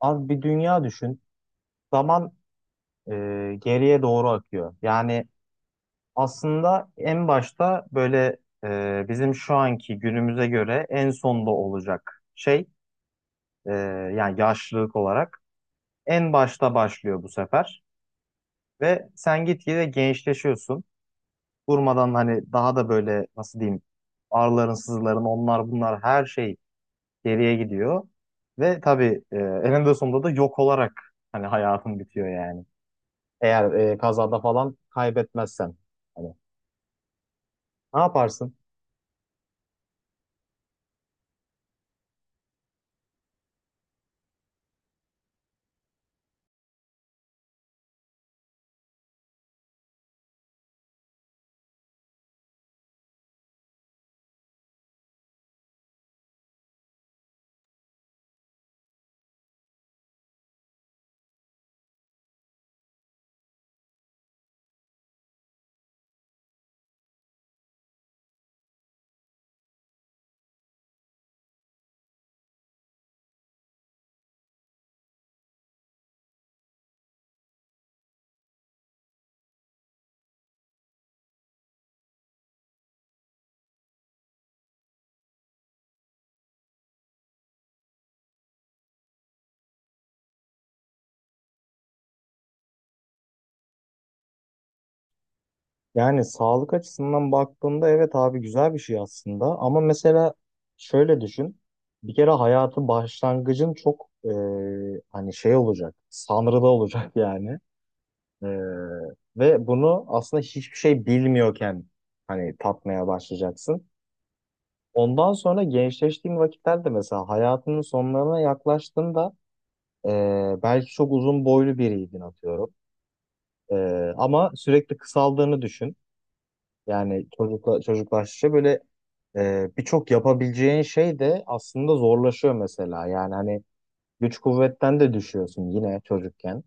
Abi bir dünya düşün. Zaman e, geriye doğru akıyor. Yani aslında en başta böyle bizim şu anki günümüze göre en sonda olacak şey, e, yani yaşlılık olarak en başta başlıyor bu sefer. Ve sen gitgide gençleşiyorsun. Durmadan hani daha da böyle nasıl diyeyim, ağrıların sızıların onlar bunlar her şey geriye gidiyor. Ve tabii, eninde sonunda da yok olarak hani hayatın bitiyor yani. Eğer kazada falan kaybetmezsen. Hani ne yaparsın? Yani sağlık açısından baktığında evet abi, güzel bir şey aslında. Ama mesela şöyle düşün. Bir kere hayatın başlangıcın çok hani şey olacak. Sanrıda olacak yani. E, Ve bunu aslında hiçbir şey bilmiyorken hani tatmaya başlayacaksın. Ondan sonra gençleştiğin vakitlerde mesela hayatının sonlarına yaklaştığında, e, belki çok uzun boylu biriydin atıyorum. Ama sürekli kısaldığını düşün. Yani çocuklaştıkça böyle birçok yapabileceğin şey de aslında zorlaşıyor mesela. Yani hani güç kuvvetten de düşüyorsun yine çocukken.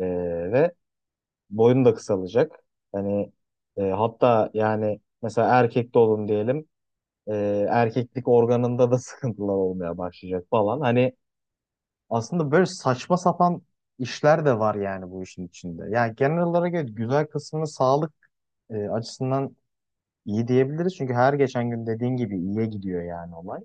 Ee, Ve boyun da kısalacak. Hani hatta yani mesela erkekte olun diyelim. Erkeklik organında da sıkıntılar olmaya başlayacak falan. Hani aslında böyle saçma sapan işler de var yani bu işin içinde. Yani genel olarak evet, güzel kısmını sağlık açısından İyi diyebiliriz çünkü her geçen gün dediğin gibi iyiye gidiyor yani olay.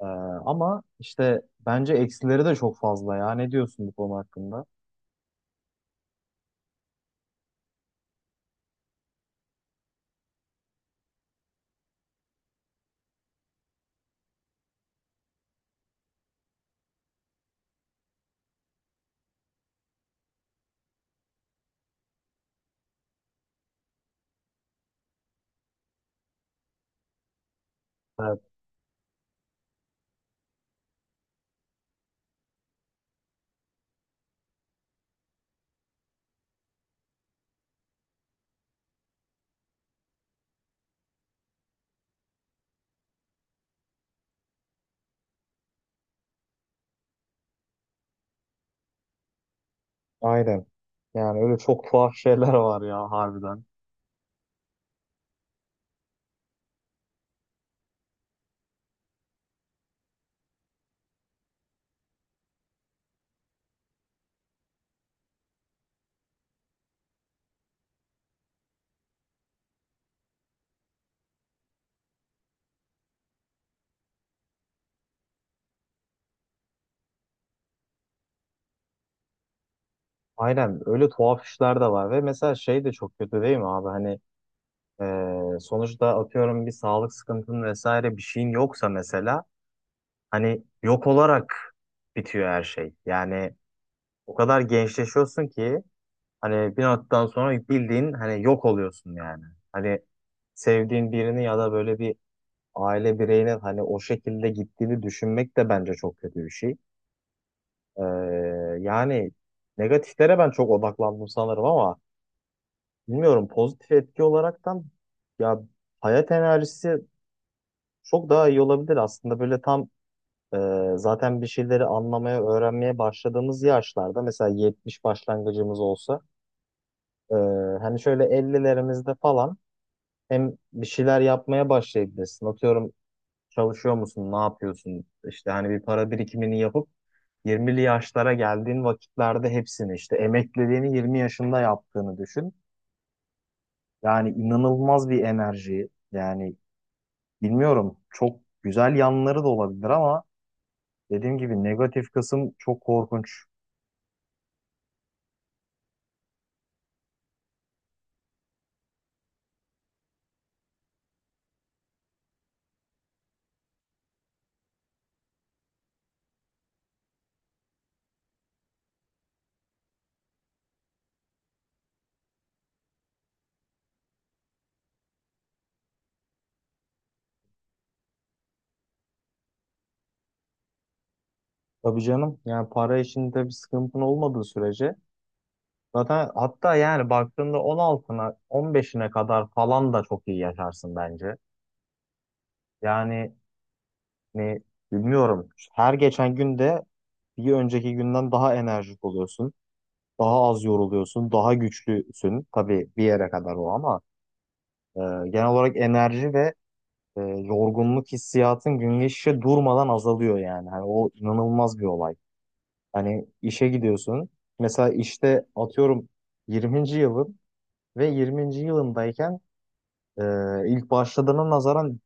Ee, Ama işte bence eksileri de çok fazla ya. Ne diyorsun bu konu hakkında? Evet, aynen. Yani öyle çok tuhaf şeyler var ya harbiden. Aynen, öyle tuhaf işler de var ve mesela şey de çok kötü değil mi abi? Hani sonuçta atıyorum bir sağlık sıkıntın vesaire bir şeyin yoksa mesela hani yok olarak bitiyor her şey. Yani o kadar gençleşiyorsun ki, hani bir noktadan sonra bildiğin hani yok oluyorsun yani. Hani sevdiğin birini ya da böyle bir aile bireyine hani o şekilde gittiğini düşünmek de bence çok kötü bir şey. Ee, Yani negatiflere ben çok odaklandım sanırım ama bilmiyorum, pozitif etki olaraktan ya, hayat enerjisi çok daha iyi olabilir aslında böyle tam, e, zaten bir şeyleri anlamaya, öğrenmeye başladığımız yaşlarda mesela 70 başlangıcımız olsa, e, hani şöyle 50'lerimizde falan hem bir şeyler yapmaya başlayabilirsin. Atıyorum çalışıyor musun, ne yapıyorsun? İşte hani bir para birikimini yapıp 20'li yaşlara geldiğin vakitlerde hepsini işte emekliliğini 20 yaşında yaptığını düşün. Yani inanılmaz bir enerji. Yani bilmiyorum, çok güzel yanları da olabilir ama dediğim gibi negatif kısım çok korkunç. Tabii canım, yani para işinde bir sıkıntın olmadığı sürece. Zaten hatta yani baktığında 16'ına 15'ine kadar falan da çok iyi yaşarsın bence. Yani ne bilmiyorum. Her geçen günde bir önceki günden daha enerjik oluyorsun. Daha az yoruluyorsun. Daha güçlüsün. Tabii bir yere kadar o ama e, genel olarak enerji ve yorgunluk hissiyatın gün geçişe durmadan azalıyor yani. Hani o inanılmaz bir olay. Hani işe gidiyorsun. Mesela işte atıyorum 20. yılın ve 20. yılındayken e, ilk başladığına nazaran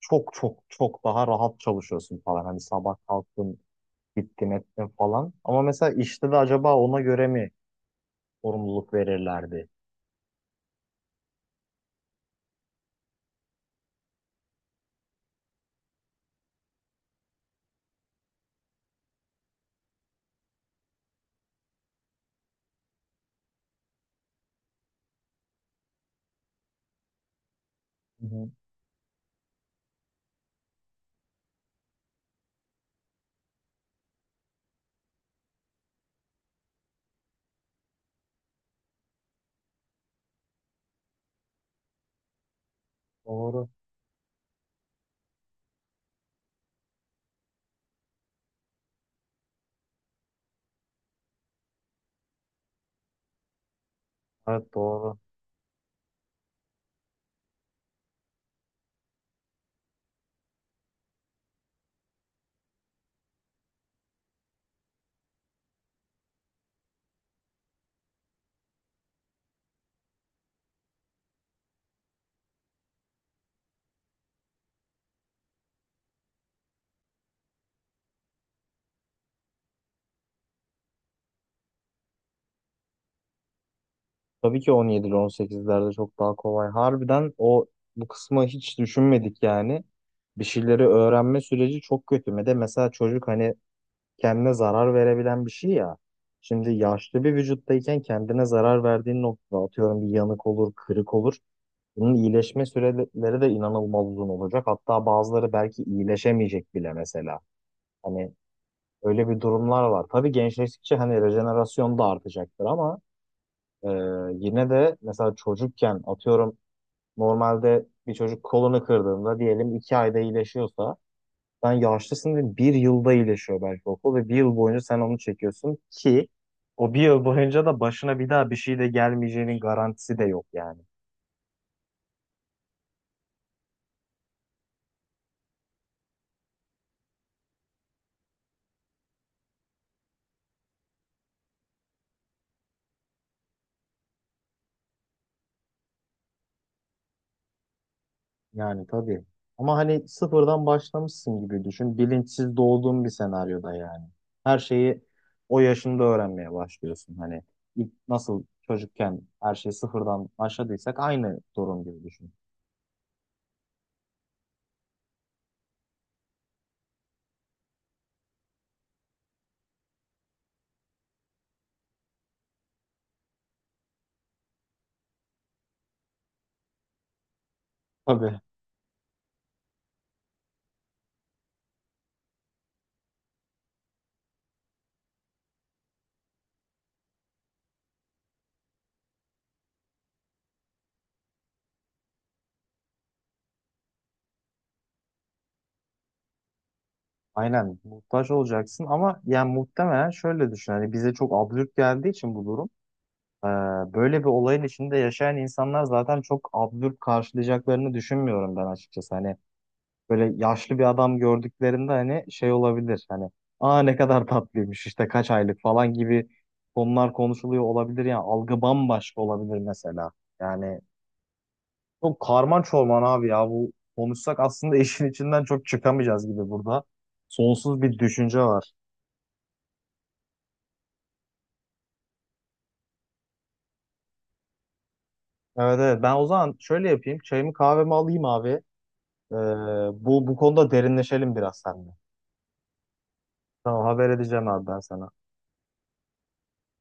çok çok çok daha rahat çalışıyorsun falan. Hani sabah kalktın, gittim ettim falan. Ama mesela işte de acaba ona göre mi sorumluluk verirlerdi? Hı hı. Doğru. Evet, doğru. Tabii ki on yedili on sekizlerde çok daha kolay. Harbiden o bu kısmı hiç düşünmedik yani. Bir şeyleri öğrenme süreci çok kötü. Bir de mesela çocuk hani kendine zarar verebilen bir şey ya. Şimdi yaşlı bir vücuttayken kendine zarar verdiğin noktada atıyorum bir yanık olur, kırık olur. Bunun iyileşme süreleri de inanılmaz uzun olacak. Hatta bazıları belki iyileşemeyecek bile mesela. Hani öyle bir durumlar var. Tabii gençleştikçe hani rejenerasyon da artacaktır ama e, yine de mesela çocukken atıyorum normalde bir çocuk kolunu kırdığında diyelim 2 ayda iyileşiyorsa, sen yaşlısın ve 1 yılda iyileşiyor belki o kol ve 1 yıl boyunca sen onu çekiyorsun ki o 1 yıl boyunca da başına bir daha bir şey de gelmeyeceğinin garantisi de yok yani. Yani tabii. Ama hani sıfırdan başlamışsın gibi düşün. Bilinçsiz doğduğun bir senaryoda yani. Her şeyi o yaşında öğrenmeye başlıyorsun. Hani ilk nasıl çocukken her şeyi sıfırdan başladıysak aynı durum gibi düşün. Tabii. Aynen muhtaç olacaksın ama yani muhtemelen şöyle düşün. Hani bize çok absürt geldiği için bu durum. e, Böyle bir olayın içinde yaşayan insanlar zaten çok absürt karşılayacaklarını düşünmüyorum ben açıkçası. Hani böyle yaşlı bir adam gördüklerinde hani şey olabilir, hani aa ne kadar tatlıymış işte kaç aylık falan gibi konular konuşuluyor olabilir, yani algı bambaşka olabilir mesela. Yani çok karman çorman abi ya, bu konuşsak aslında işin içinden çok çıkamayacağız gibi burada. Sonsuz bir düşünce var. Evet evet, ben o zaman şöyle yapayım, çayımı kahvemi alayım abi. Ee, bu konuda derinleşelim biraz seninle. Tamam, haber edeceğim abi ben sana.